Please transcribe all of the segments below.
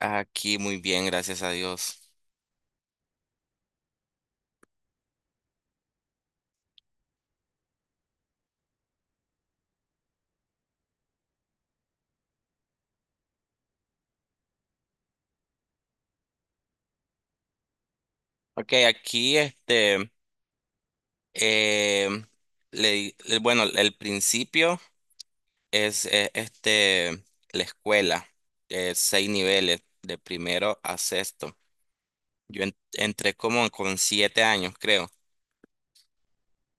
Aquí muy bien, gracias a Dios. Ok, aquí em, le bueno, el principio es la escuela, seis niveles, de primero a sexto. Entré como con 7 años, creo.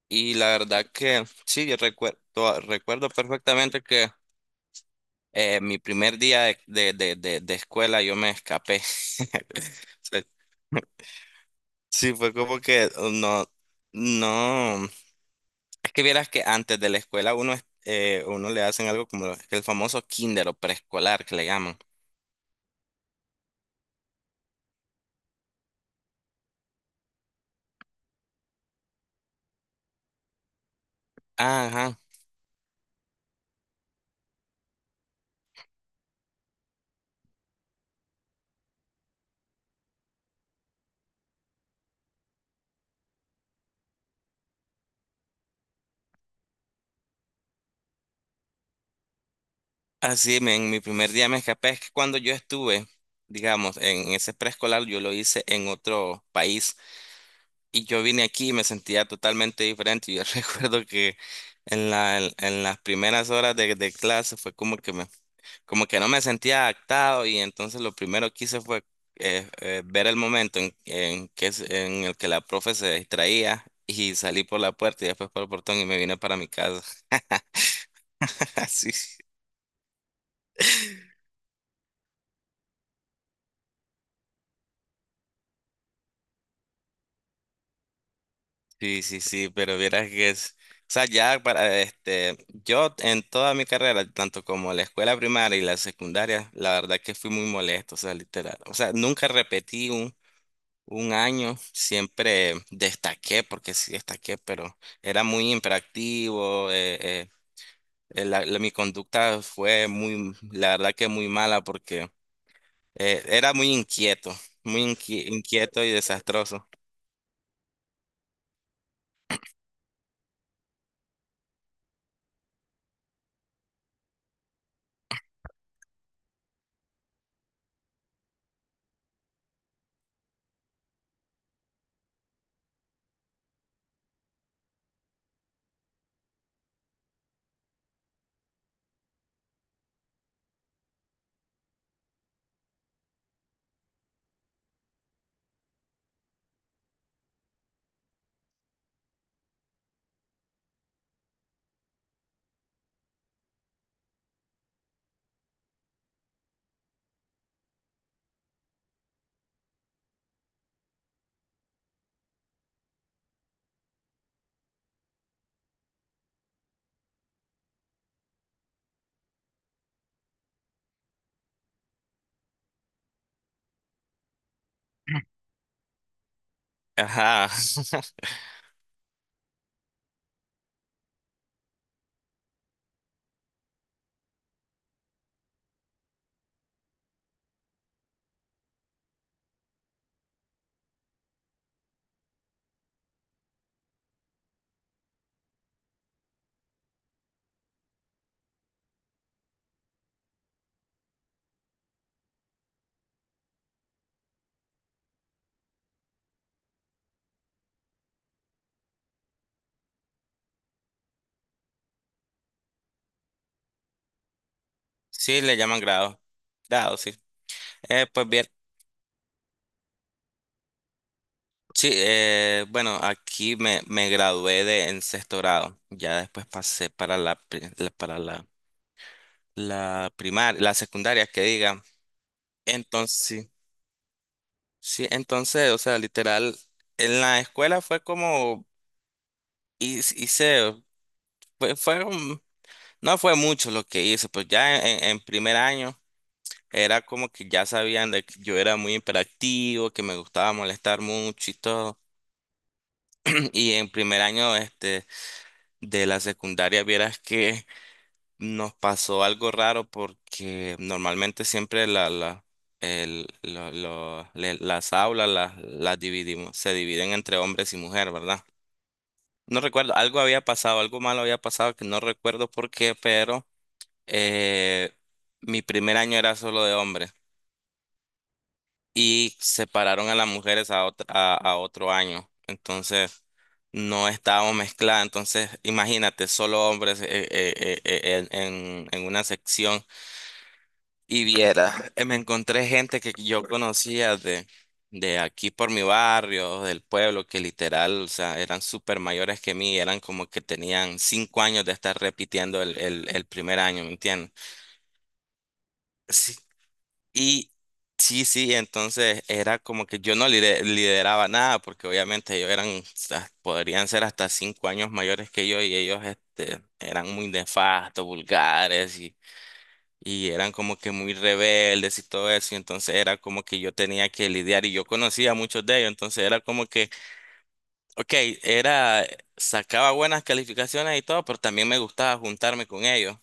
Y la verdad que sí, yo recuerdo, recuerdo perfectamente que mi primer día de escuela yo me escapé. Sí, fue como que no, no. Es que vieras que antes de la escuela uno, uno le hacen algo como el famoso kinder o preescolar que le llaman. Ajá. Así, en mi primer día me escapé. Es que cuando yo estuve, digamos, en ese preescolar, yo lo hice en otro país y yo vine aquí y me sentía totalmente diferente. Yo recuerdo que en la, en, las primeras horas de clase fue como que me como que no me sentía adaptado, y entonces lo primero que hice fue ver el momento en que, en el que la profe se distraía, y salí por la puerta y después por el portón y me vine para mi casa. Sí, sí, sí, sí, pero vieras que es... O sea, ya para este, yo en toda mi carrera, tanto como la escuela primaria y la secundaria, la verdad que fui muy molesto, o sea, literal. O sea, nunca repetí un año, siempre destaqué, porque sí destaqué, pero era muy imperactivo. Mi conducta fue muy, la verdad que muy mala, porque era muy inquieto, muy inquieto y desastroso. Ajá. Sí, le llaman grado. Grado, sí. Pues bien, sí, bueno, aquí me gradué de en sexto grado. Ya después pasé para para la primaria, la secundaria, que diga. Entonces, sí, entonces, o sea, literal, en la escuela fue como, hice, hice- fue, fue un- no fue mucho lo que hice, pues ya en primer año era como que ya sabían de que yo era muy hiperactivo, que me gustaba molestar mucho y todo. Y en primer año, este, de la secundaria, vieras que nos pasó algo raro porque normalmente siempre la, la, el, lo- le- las aulas las dividimos, se dividen entre hombres y mujeres, ¿verdad? No recuerdo, algo había pasado, algo malo había pasado que no recuerdo por qué, pero eh, mi primer año era solo de hombres, y separaron a las mujeres a, a otro año. Entonces no estábamos mezcladas. Entonces imagínate, solo hombres en una sección. Y viera, me encontré gente que yo conocía de aquí por mi barrio, del pueblo, que literal, o sea, eran súper mayores que mí, eran como que tenían 5 años de estar repitiendo el primer año, ¿me entiendes? Sí, y sí, sí, entonces era como que yo no lideraba nada, porque obviamente ellos eran, o sea, podrían ser hasta 5 años mayores que yo, y ellos este, eran muy nefastos, vulgares y eran como que muy rebeldes y todo eso, y entonces era como que yo tenía que lidiar y yo conocía a muchos de ellos, entonces era como que, ok, era, sacaba buenas calificaciones y todo, pero también me gustaba juntarme con ellos,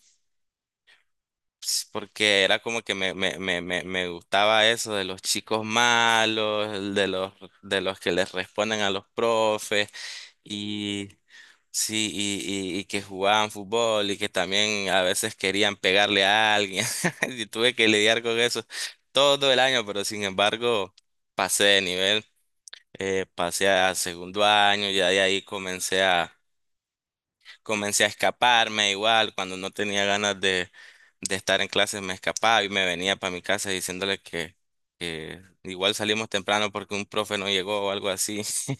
ps, porque era como que me gustaba eso de los chicos malos, de los que les responden a los profes. Y sí, y que jugaban fútbol y que también a veces querían pegarle a alguien. Y tuve que lidiar con eso todo el año, pero sin embargo pasé de nivel, pasé a segundo año, ya de ahí comencé a, comencé a escaparme igual, cuando no tenía ganas de estar en clases me escapaba y me venía para mi casa diciéndole que igual salimos temprano porque un profe no llegó o algo así.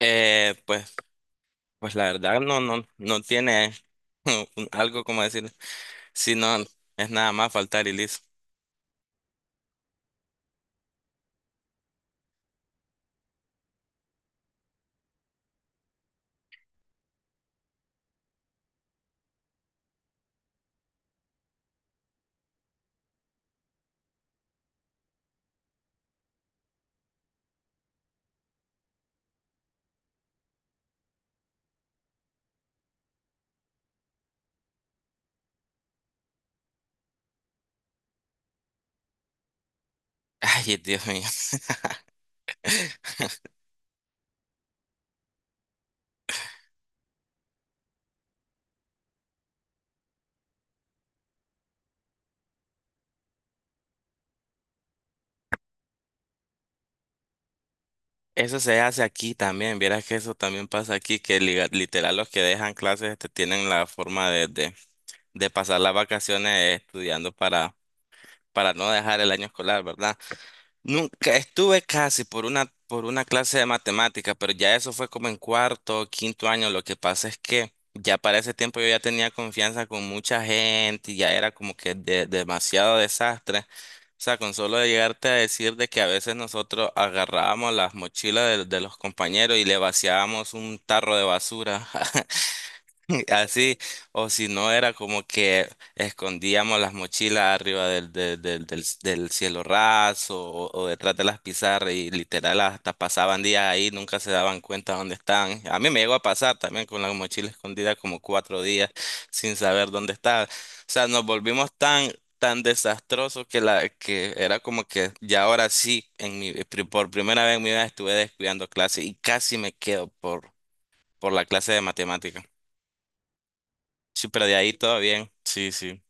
Pues, pues la verdad no, no, no tiene algo como decir, si no, es nada más faltar y listo. Ay, Dios mío. Eso se hace aquí también, vieras que eso también pasa aquí, que literal los que dejan clases este, tienen la forma de pasar las vacaciones estudiando para no dejar el año escolar, ¿verdad? Nunca estuve casi por una clase de matemática, pero ya eso fue como en cuarto o quinto año. Lo que pasa es que ya para ese tiempo yo ya tenía confianza con mucha gente y ya era como que demasiado desastre. O sea, con solo de llegarte a decir de que a veces nosotros agarrábamos las mochilas de los compañeros y le vaciábamos un tarro de basura. Así, o si no, era como que escondíamos las mochilas arriba del cielo raso, o detrás de las pizarras, y literal hasta pasaban días ahí, nunca se daban cuenta dónde estaban. A mí me llegó a pasar también con la mochila escondida como 4 días sin saber dónde estaba. O sea, nos volvimos tan, tan desastrosos que, la, que era como que ya ahora sí, en por primera vez en mi vida estuve descuidando clase y casi me quedo por la clase de matemáticas. Sí, pero de ahí todo bien. Sí, sí.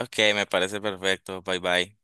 Ok, me parece perfecto. Bye bye.